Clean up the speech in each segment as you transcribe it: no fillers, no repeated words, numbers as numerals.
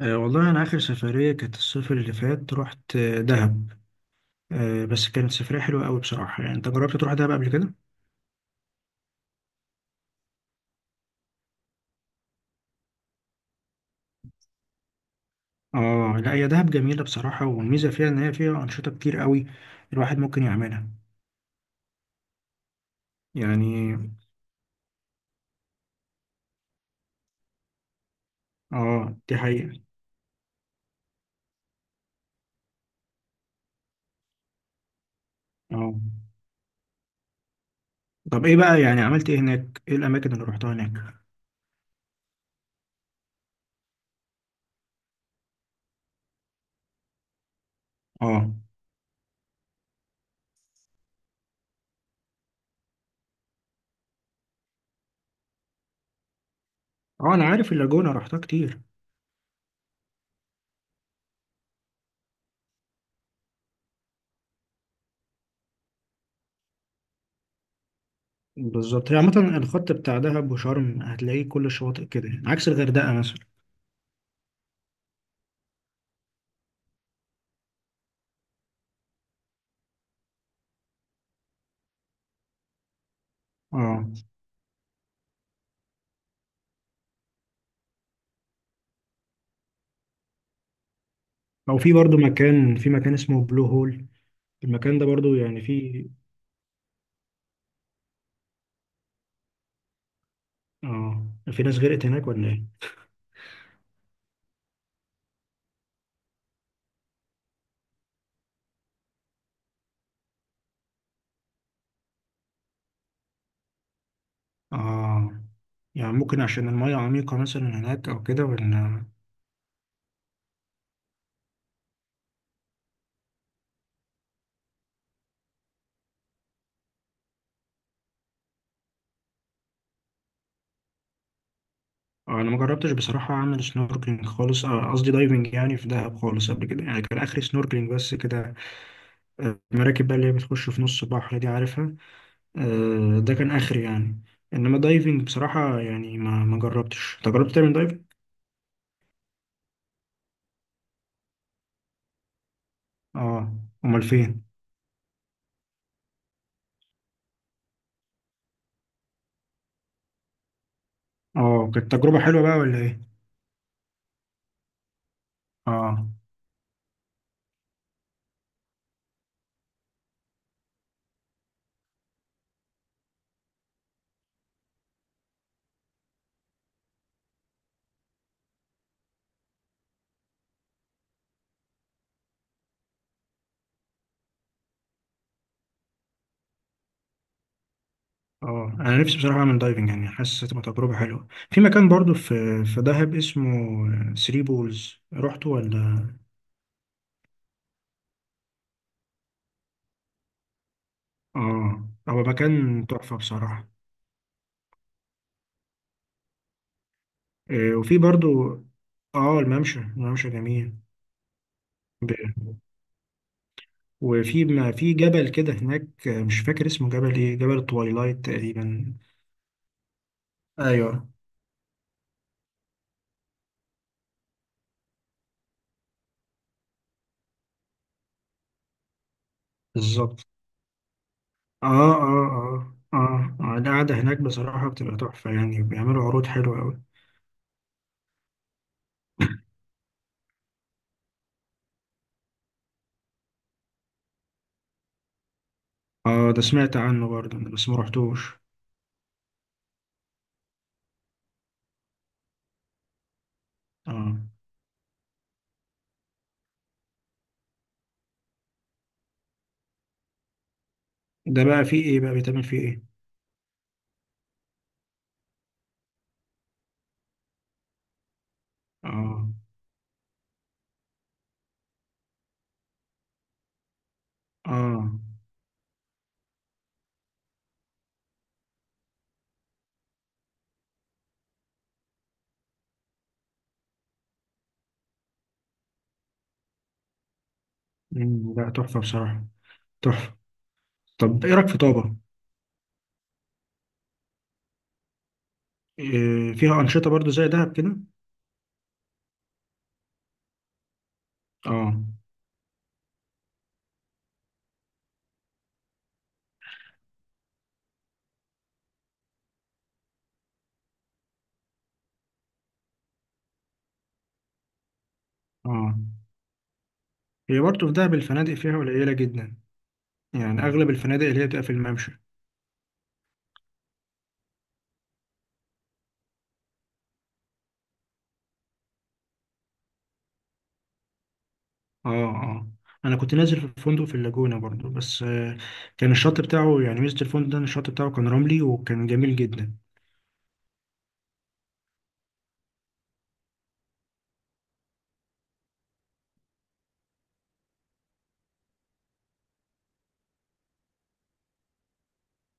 والله أنا آخر سفرية كانت الصيف اللي فات رحت دهب. بس كانت سفرية حلوة أوي بصراحة، يعني أنت جربت تروح دهب قبل كده؟ آه لا، هي دهب جميلة بصراحة، والميزة فيها إن هي فيها أنشطة كتير أوي الواحد ممكن يعملها. يعني آه، دي حقيقة. آه طب إيه بقى، يعني عملت إيه هناك؟ إيه الأماكن اللي روحتها هناك؟ آه. آه أنا عارف اللاجونة، روحتها كتير. بالظبط، هي عامة الخط بتاع دهب وشرم هتلاقيه كل الشواطئ كده يعني، عكس الغردقة مثلا. آه، أو في برضو مكان، في مكان اسمه بلو هول، المكان ده برضو يعني في. اه في ناس غرقت هناك ولا ايه؟ اه يعني ممكن عشان المية عميقة مثلا هناك أو كده، ولا؟ أنا ما جربتش بصراحة أعمل سنوركلينج خالص، قصدي دايفنج يعني في دهب خالص قبل كده، يعني كان آخري سنوركلينج بس كده. المراكب بقى اللي هي بتخش في نص البحر دي عارفها. ده كان آخري يعني. إنما دايفنج بصراحة يعني ما جربتش. أنت جربت تعمل دايفنج؟ آه. أمال فين؟ آه كانت تجربة حلوة بقى ولا إيه؟ آه. اه انا نفسي بصراحه اعمل دايفنج، يعني حاسس هتبقى تجربه حلوه. في مكان برضو، في في دهب اسمه ثري بولز، رحته ولا؟ اه هو مكان تحفه بصراحه. وفي برضو. اه الممشى، الممشى جميل. ب... وفي ما في جبل كده هناك، مش فاكر اسمه، جبل ايه، جبل التوايلايت تقريبا. ايوه. بالظبط. اه اه اه اه، القعده هناك بصراحه بتبقى تحفه، يعني بيعملوا عروض حلوه قوي. اه ده سمعت عنه برضه أنا، بس ما رحتوش. اه ده بقى فيه ايه، بقى بيتعمل فيه ايه؟ اه. اه. لا تحفة بصراحة. تحفة. طب ايه رأيك في طابة؟ إيه فيها أنشطة برضو زي دهب كده؟ اه. اه. هي برضو في دهب الفنادق فيها قليلة جدا، يعني أغلب الفنادق اللي هي بتبقى في الممشى. اه اه، أنا كنت نازل في فندق في اللاجونة برضو، بس آه كان الشط بتاعه، يعني ميزة الفندق ده إن الشط بتاعه كان رملي وكان جميل جدا.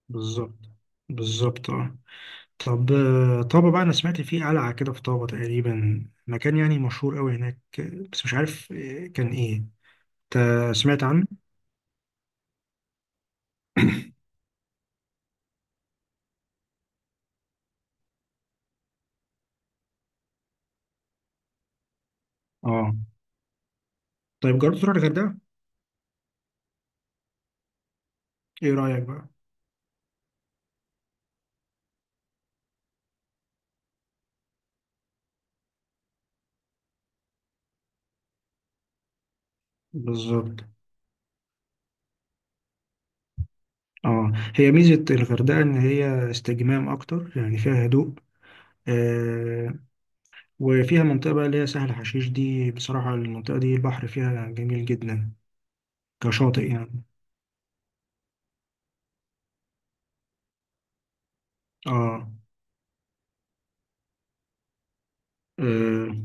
بالظبط. بالظبط اه. طب طابة بقى، أنا سمعت فيه قلعة كده في طابة تقريبا، مكان يعني مشهور أوي هناك، بس مش عارف كان إيه. أنت سمعت عنه؟ آه. طيب جربت تروح الغردقة؟ إيه رأيك بقى؟ بالظبط. آه هي ميزة الغردقة إن هي استجمام أكتر، يعني فيها هدوء. آه. وفيها منطقة بقى اللي هي سهل حشيش، دي بصراحة المنطقة دي البحر فيها جميل جدا كشاطئ يعني. آه, آه,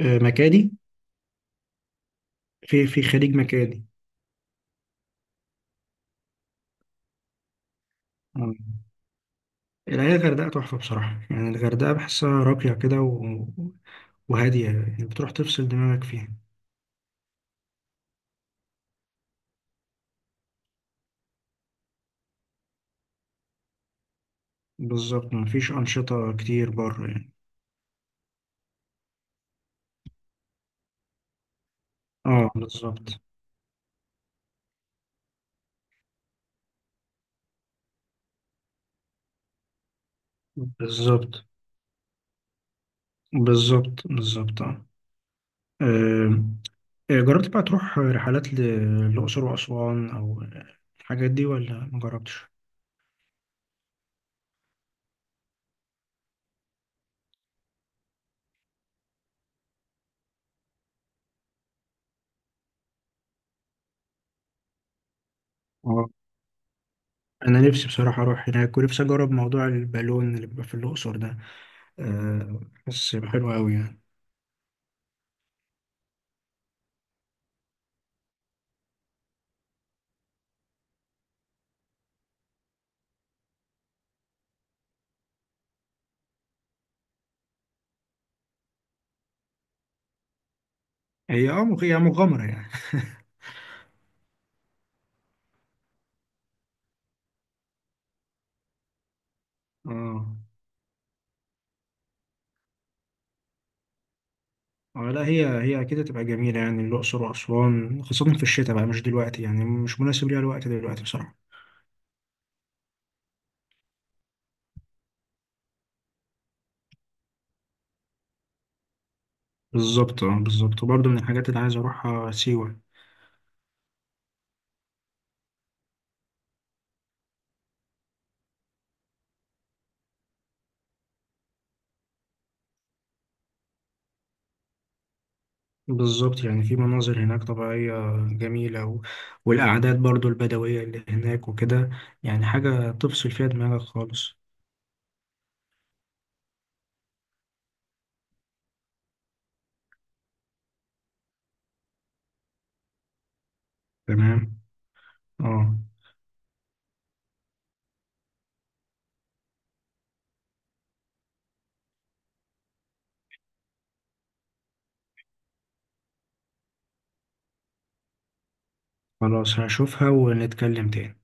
آه مكادي. في في خليج مكادي. آه. الحقيقة الغردقة تحفة بصراحة، يعني الغردقة بحسها راقية كده، وهادية، يعني بتروح تفصل دماغك فيها. بالظبط، مفيش أنشطة كتير بره يعني. اه بالظبط بالظبط بالظبط بالظبط اه. آم، جربت بقى تروح رحلات للأقصر وأسوان أو الحاجات دي، ولا ما جربتش؟ اه أنا نفسي بصراحة أروح هناك، ونفسي أجرب موضوع البالون اللي بيبقى في الأقصر ده، آه، بس حلو أوي يعني. هي اه هي مغامرة يعني. اه. اه لا هي هي اكيد هتبقى جميله، يعني الاقصر واسوان خاصه في الشتاء بقى، مش دلوقتي يعني، مش مناسب ليها الوقت دلوقتي بصراحه. بالظبط اه بالظبط. وبرضه من الحاجات اللي عايز اروحها سيوه. بالظبط، يعني في مناظر هناك طبيعيه جميله والاعداد برضه البدويه اللي هناك وكده، يعني حاجه تفصل فيها دماغك خالص. تمام. اه خلاص هشوفها ونتكلم تاني.